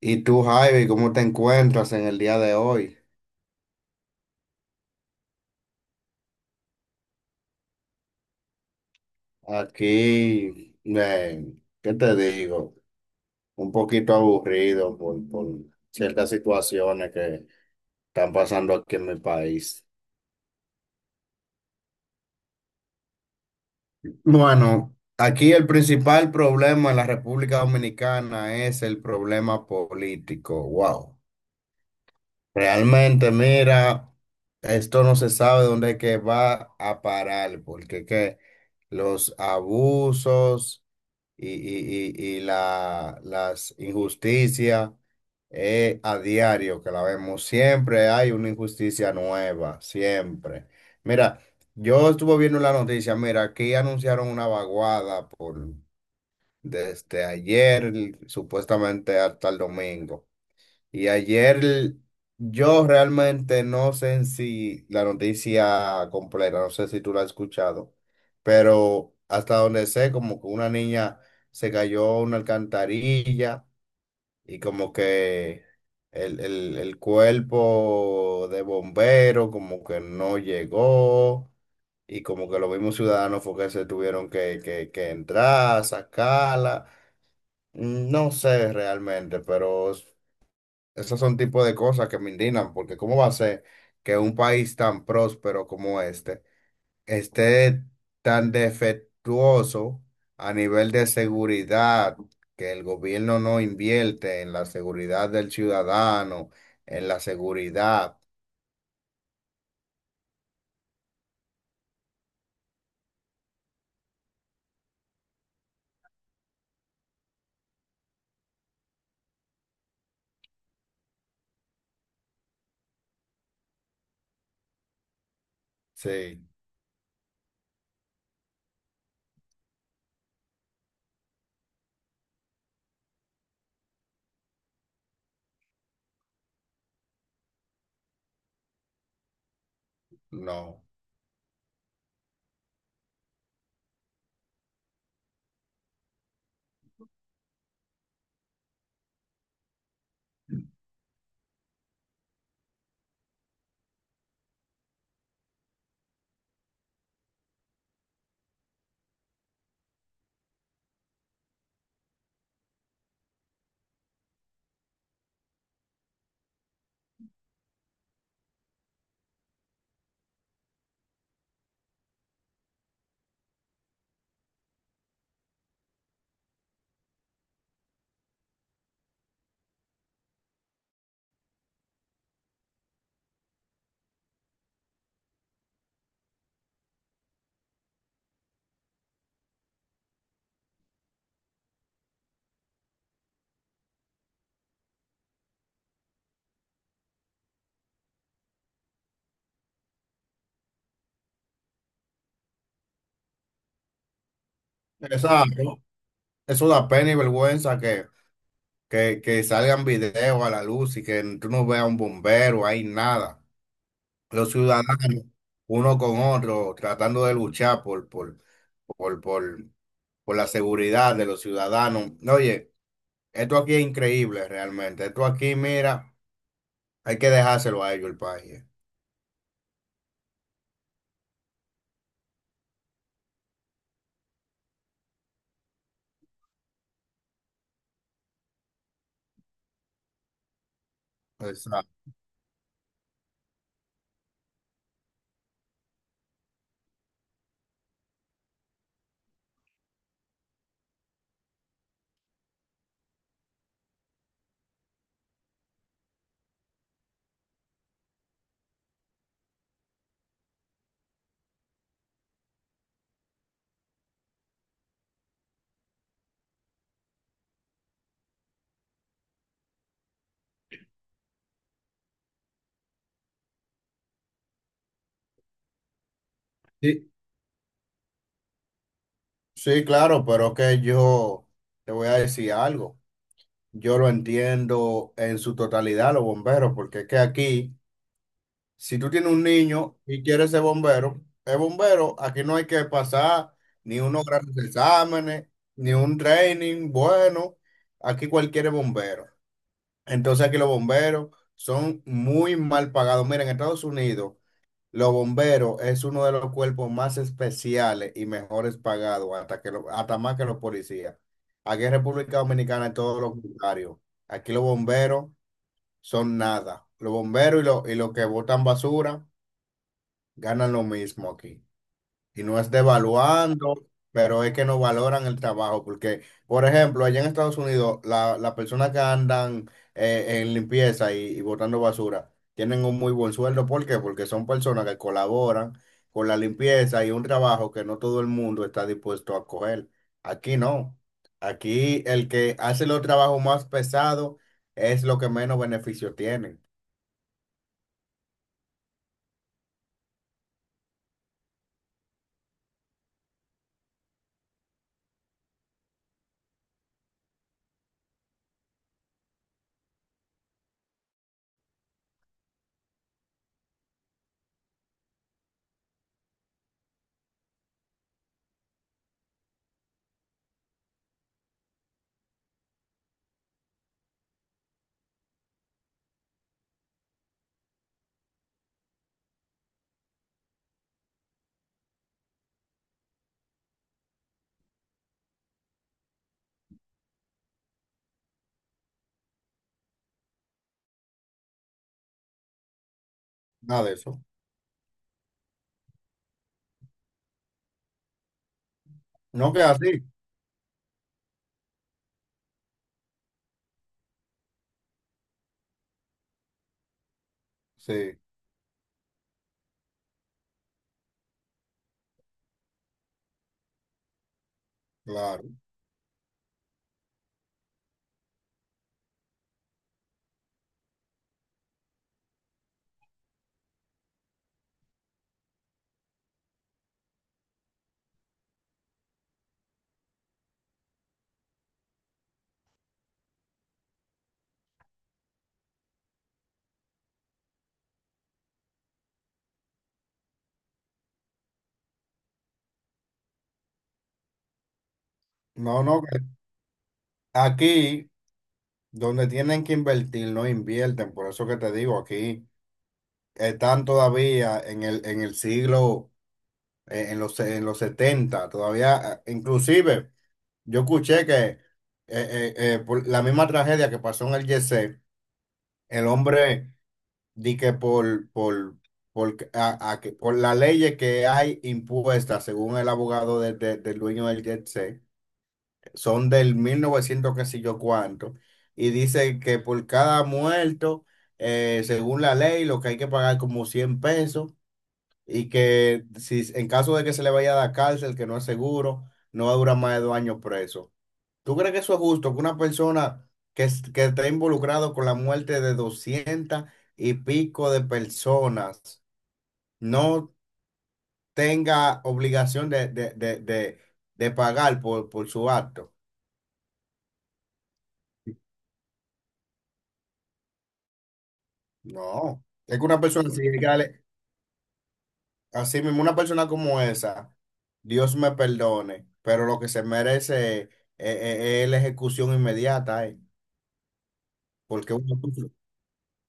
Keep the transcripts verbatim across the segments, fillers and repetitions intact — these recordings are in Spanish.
¿Y tú, Javi, cómo te encuentras en el día de hoy? Aquí, eh, ¿qué te digo? Un poquito aburrido por, por ciertas situaciones que están pasando aquí en mi país. Bueno, aquí el principal problema en la República Dominicana es el problema político. Wow. Realmente, mira, esto no se sabe dónde es que va a parar, porque que los abusos y, y- y- y la, las injusticias eh, a diario que la vemos. Siempre hay una injusticia nueva, siempre. Mira, yo estuve viendo la noticia, mira, aquí anunciaron una vaguada por desde ayer, supuestamente hasta el domingo. Y ayer yo realmente no sé si la noticia completa, no sé si tú la has escuchado, pero hasta donde sé, como que una niña se cayó a una alcantarilla y como que el, el, el cuerpo de bombero como que no llegó y como que los mismos ciudadanos fue que se tuvieron que, que, que entrar, sacarla. Mm, No sé realmente, pero esos son tipos de cosas que me indignan, porque ¿cómo va a ser que un país tan próspero como este esté tan defectuoso a nivel de seguridad, que el gobierno no invierte en la seguridad del ciudadano, en la seguridad? Sí, no. Exacto. Eso da pena y vergüenza que, que, que salgan videos a la luz y que tú no veas un bombero, hay nada. Los ciudadanos uno con otro, tratando de luchar por, por, por, por, por la seguridad de los ciudadanos. Oye, esto aquí es increíble realmente. Esto aquí, mira, hay que dejárselo a ellos el país. Exacto. Sí, sí, claro, pero que yo te voy a decir algo. Yo lo entiendo en su totalidad, los bomberos, porque es que aquí, si tú tienes un niño y quieres ser bombero, es bombero, aquí no hay que pasar ni unos grandes exámenes, ni un training, bueno, aquí cualquiera es bombero. Entonces aquí los bomberos son muy mal pagados. Mira, en Estados Unidos, los bomberos es uno de los cuerpos más especiales y mejores pagados, hasta que lo- hasta más que los policías. Aquí en República Dominicana es todo lo contrario. Aquí los bomberos son nada. Los bomberos y los, y los que botan basura ganan lo mismo aquí. Y no es Mm. devaluando, pero es que no valoran el trabajo, porque, por ejemplo, allá en Estados Unidos, la- las personas que andan eh, en limpieza y, y botando basura tienen un muy buen sueldo. ¿Por qué? Porque son personas que colaboran con la limpieza y un trabajo que no todo el mundo está dispuesto a coger. Aquí no. Aquí el que hace los trabajos más pesados es lo que menos beneficio tiene. Nada de eso. No que así. Sí, claro. No, no. Aquí, donde tienen que invertir, no invierten. Por eso que te digo, aquí están todavía en el, en el siglo, eh, en los, en los setenta todavía, eh, inclusive, yo escuché que eh, eh, eh, por la misma tragedia que pasó en el Yese, el hombre di que por, por, por, que- a- a que- por las leyes que hay impuestas, según el abogado de- de- del dueño del Yese, son del mil novecientos qué sé yo cuánto, y dice que por cada muerto, eh, según la ley, lo que hay que pagar como cien pesos y que si en caso de que se le vaya a dar cárcel, que no es seguro, no va a durar más de dos años preso. ¿Tú crees que eso es justo? Que una persona que, es- que está involucrado con la muerte de doscientas y pico de personas no tenga obligación de, de, de, de, de pagar por, por su acto. No, es que una persona así, hay que darle- así mismo, una persona como esa, Dios me perdone, pero lo que se merece es, es- es la ejecución inmediata. eh, Porque uno-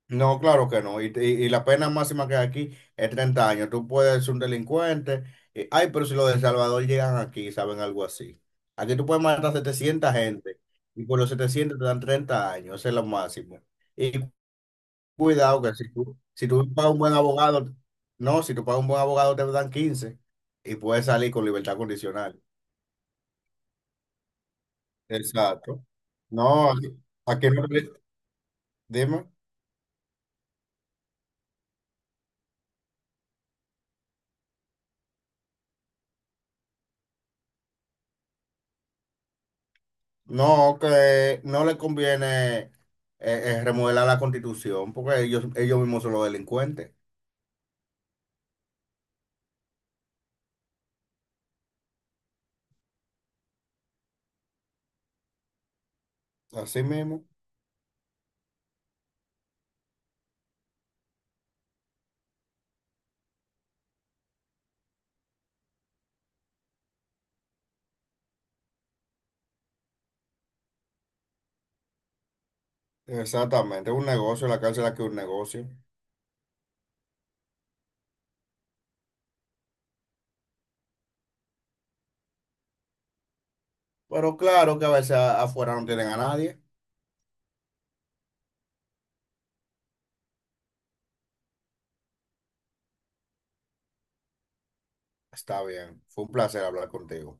no, claro que no. Y, y- y la pena máxima que hay aquí es treinta años. Tú puedes ser un delincuente. y, ay, pero si los de El Salvador llegan aquí, y saben algo así. Aquí tú puedes matar setecientas gente y por los setecientos te dan treinta años. Ese es lo máximo. Y cuidado que si tú, si tú pagas un buen abogado, no, si tú pagas un buen abogado te dan quince y puedes salir con libertad condicional. Exacto. No, aquí aquí no le- dime. No, que no le conviene eh, eh, remodelar la constitución porque ellos, ellos mismos son los delincuentes. Así mismo. Exactamente. Es un negocio, la cárcel aquí es un negocio. Pero claro que a veces a- afuera no tienen a nadie. Está bien. Fue un placer hablar contigo.